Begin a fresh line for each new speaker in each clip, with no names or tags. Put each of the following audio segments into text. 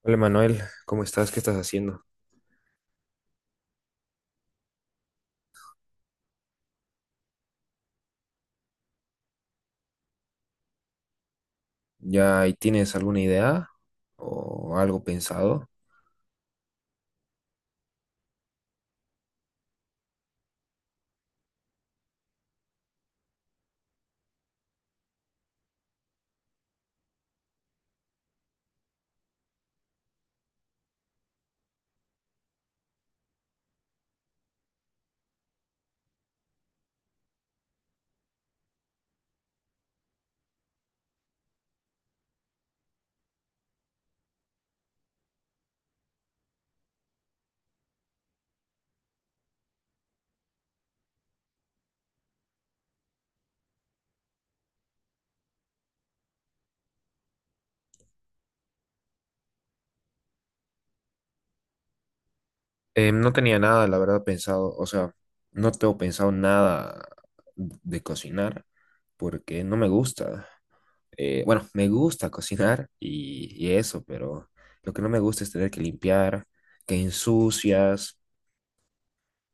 Hola Manuel, ¿cómo estás? ¿Qué estás haciendo? ¿Ya ahí tienes alguna idea o algo pensado? No tenía nada, la verdad, pensado. O sea, no tengo pensado nada de cocinar porque no me gusta. Bueno, me gusta cocinar y eso, pero lo que no me gusta es tener que limpiar, que ensucias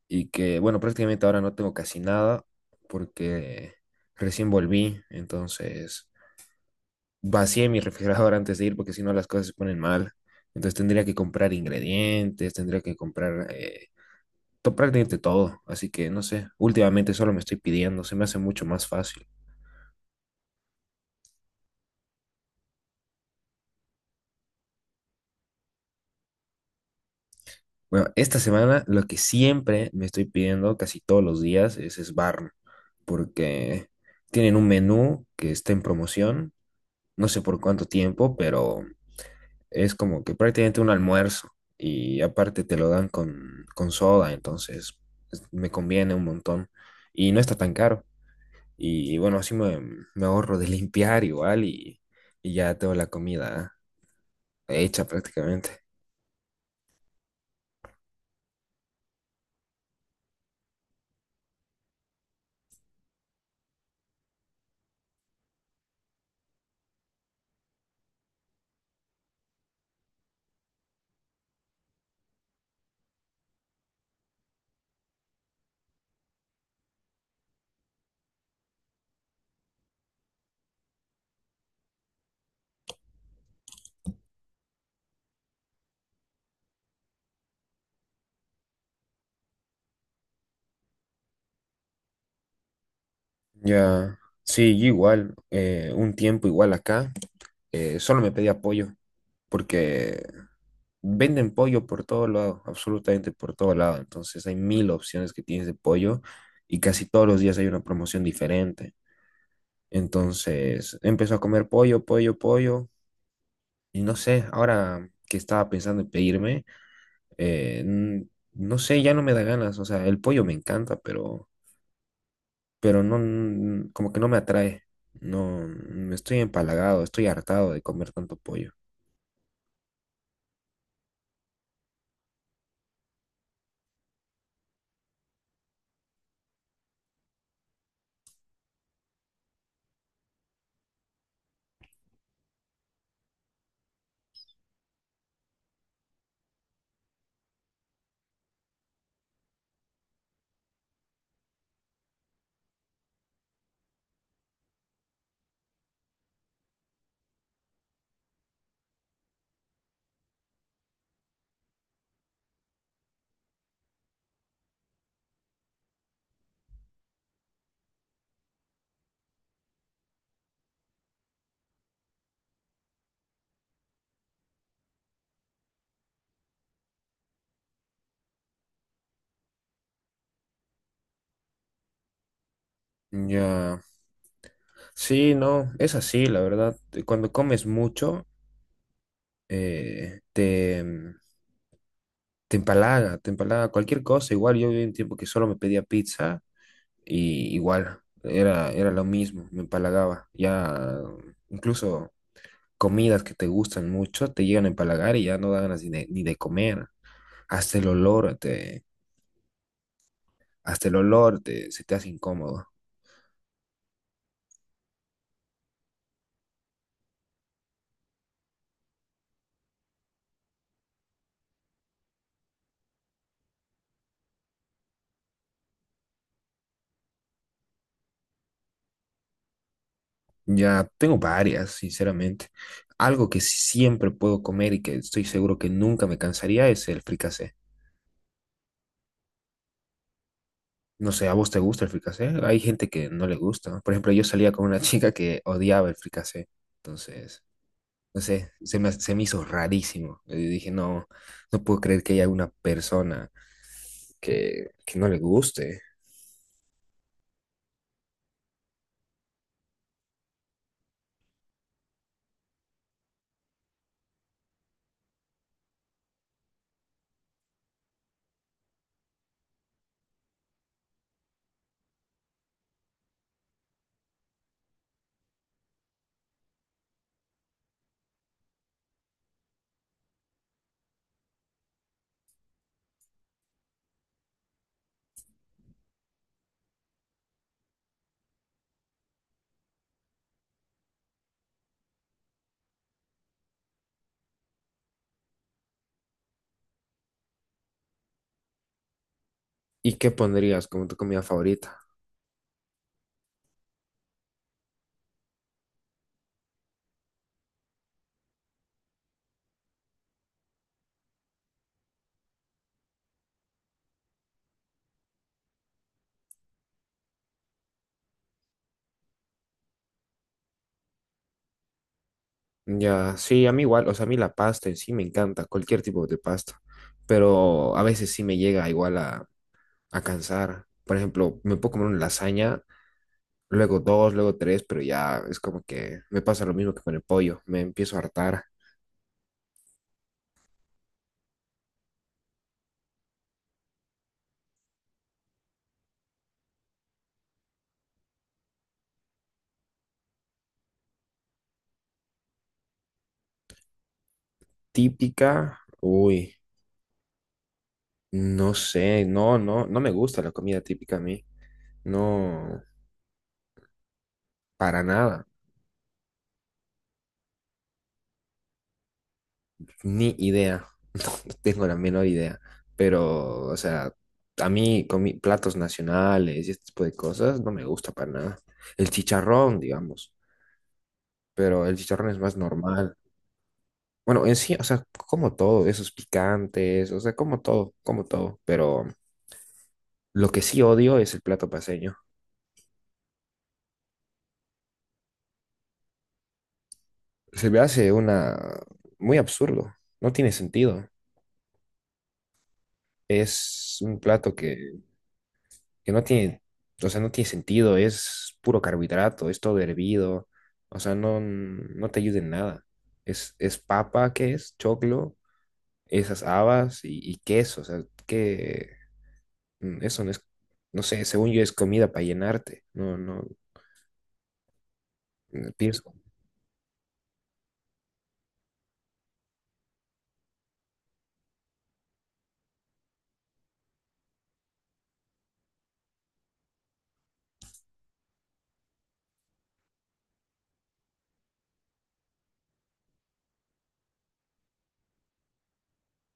y que, bueno, prácticamente ahora no tengo casi nada porque recién volví, entonces vacié mi refrigerador antes de ir porque si no las cosas se ponen mal. Entonces tendría que comprar ingredientes, tendría que comprar prácticamente todo. Así que no sé, últimamente solo me estoy pidiendo, se me hace mucho más fácil. Bueno, esta semana lo que siempre me estoy pidiendo casi todos los días es Sbarn, porque tienen un menú que está en promoción, no sé por cuánto tiempo, pero es como que prácticamente un almuerzo y aparte te lo dan con soda, entonces me conviene un montón y no está tan caro. Y, bueno, me ahorro de limpiar igual y ya tengo la comida hecha prácticamente. Ya, sí, yo igual, un tiempo igual acá, solo me pedía pollo porque venden pollo por todo lado, absolutamente por todo lado, entonces hay mil opciones que tienes de pollo y casi todos los días hay una promoción diferente. Entonces empezó a comer pollo, pollo, pollo. Y no sé, ahora que estaba pensando en pedirme, eh, n- no sé, ya no me da ganas. O sea, el pollo me encanta, pero como que no me atrae. No, me estoy empalagado, estoy hartado de comer tanto pollo. Ya, sí, no, es así, la verdad. Cuando comes mucho, eh, te, te empalaga cualquier cosa. Igual yo viví un tiempo que solo me pedía pizza. Y igual, era lo mismo, me empalagaba. Ya incluso comidas que te gustan mucho te llegan a empalagar y ya no dan ganas ni de comer. Hasta el olor te, hasta el olor te, se te hace incómodo. Ya tengo varias, sinceramente. Algo que sí siempre puedo comer y que estoy seguro que nunca me cansaría es el fricasé. No sé, ¿a vos te gusta el fricasé? Hay gente que no le gusta. Por ejemplo, yo salía con una chica que odiaba el fricasé. Entonces no sé, se me hizo rarísimo. Y dije, no, no puedo creer que haya una persona que no le guste. ¿Y qué pondrías como tu comida favorita? Ya, sí, a mí igual, o sea, a mí la pasta en sí me encanta, cualquier tipo de pasta, pero a veces sí me llega igual a cansar. Por ejemplo, me puedo comer una lasaña, luego dos, luego tres, pero ya es como que me pasa lo mismo que con el pollo, me empiezo a hartar. Típica, uy, no sé, no, no, no me gusta la comida típica a mí. No, para nada, ni idea, no, no tengo la menor idea, pero, o sea, a mí con platos nacionales y este tipo de cosas no me gusta para nada. El chicharrón, digamos, pero el chicharrón es más normal. Bueno, en sí, o sea, como todo, esos picantes, o sea, como todo, pero lo que sí odio es el plato paceño. Se me hace una, muy absurdo, no tiene sentido. Es un plato que no tiene, o sea, no tiene sentido, es puro carbohidrato, es todo hervido, o sea, no, no te ayuda en nada. Es papa, ¿qué es? Choclo, esas habas y queso, o sea, que mm, eso no es, no sé, según yo es comida para llenarte, no, no, mm, pienso.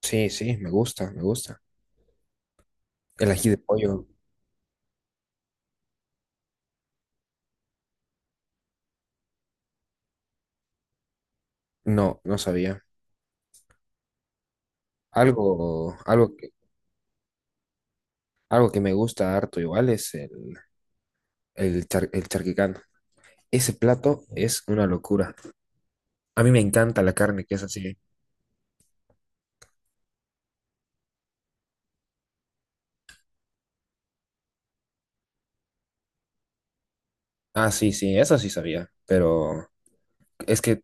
Sí, sí, me gusta, me gusta. El ají de pollo, no, no sabía. Algo, algo que, algo que me gusta harto igual es el charquicán. Ese plato es una locura. A mí me encanta la carne que es así. Ah, sí, sí, eso sí sabía, pero es que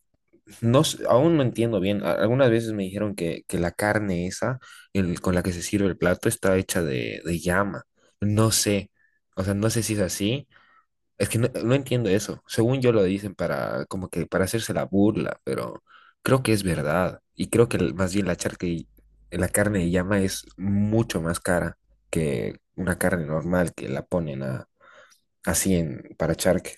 no, aún no entiendo bien. Algunas veces me dijeron que la carne esa con la que se sirve el plato está hecha de llama. No sé, o sea, no sé si es así. Es que no, no entiendo eso. Según yo lo dicen para como que para hacerse la burla, pero creo que es verdad. Y creo que más bien la charca la carne de llama es mucho más cara que una carne normal que la ponen así en, para charque,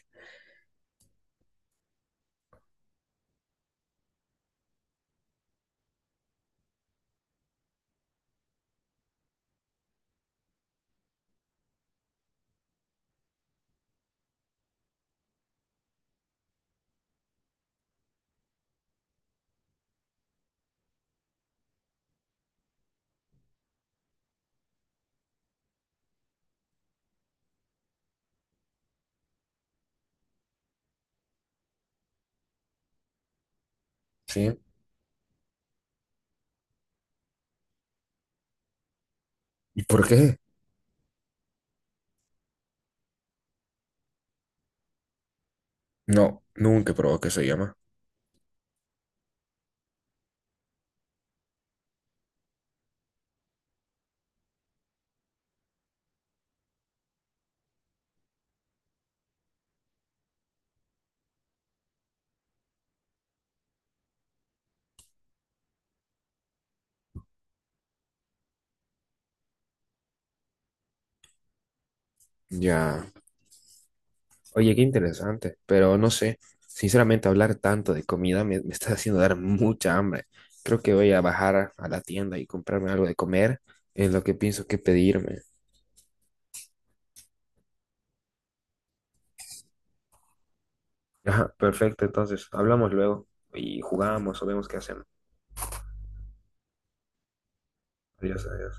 ¿sí? ¿Y por qué? No, nunca probó que se llama. Ya. Oye, qué interesante, pero no sé, sinceramente hablar tanto de comida me está haciendo dar mucha hambre. Creo que voy a bajar a la tienda y comprarme algo de comer, es lo que pienso que pedirme. Ajá, perfecto, entonces hablamos luego y jugamos o vemos qué hacemos. Adiós, adiós.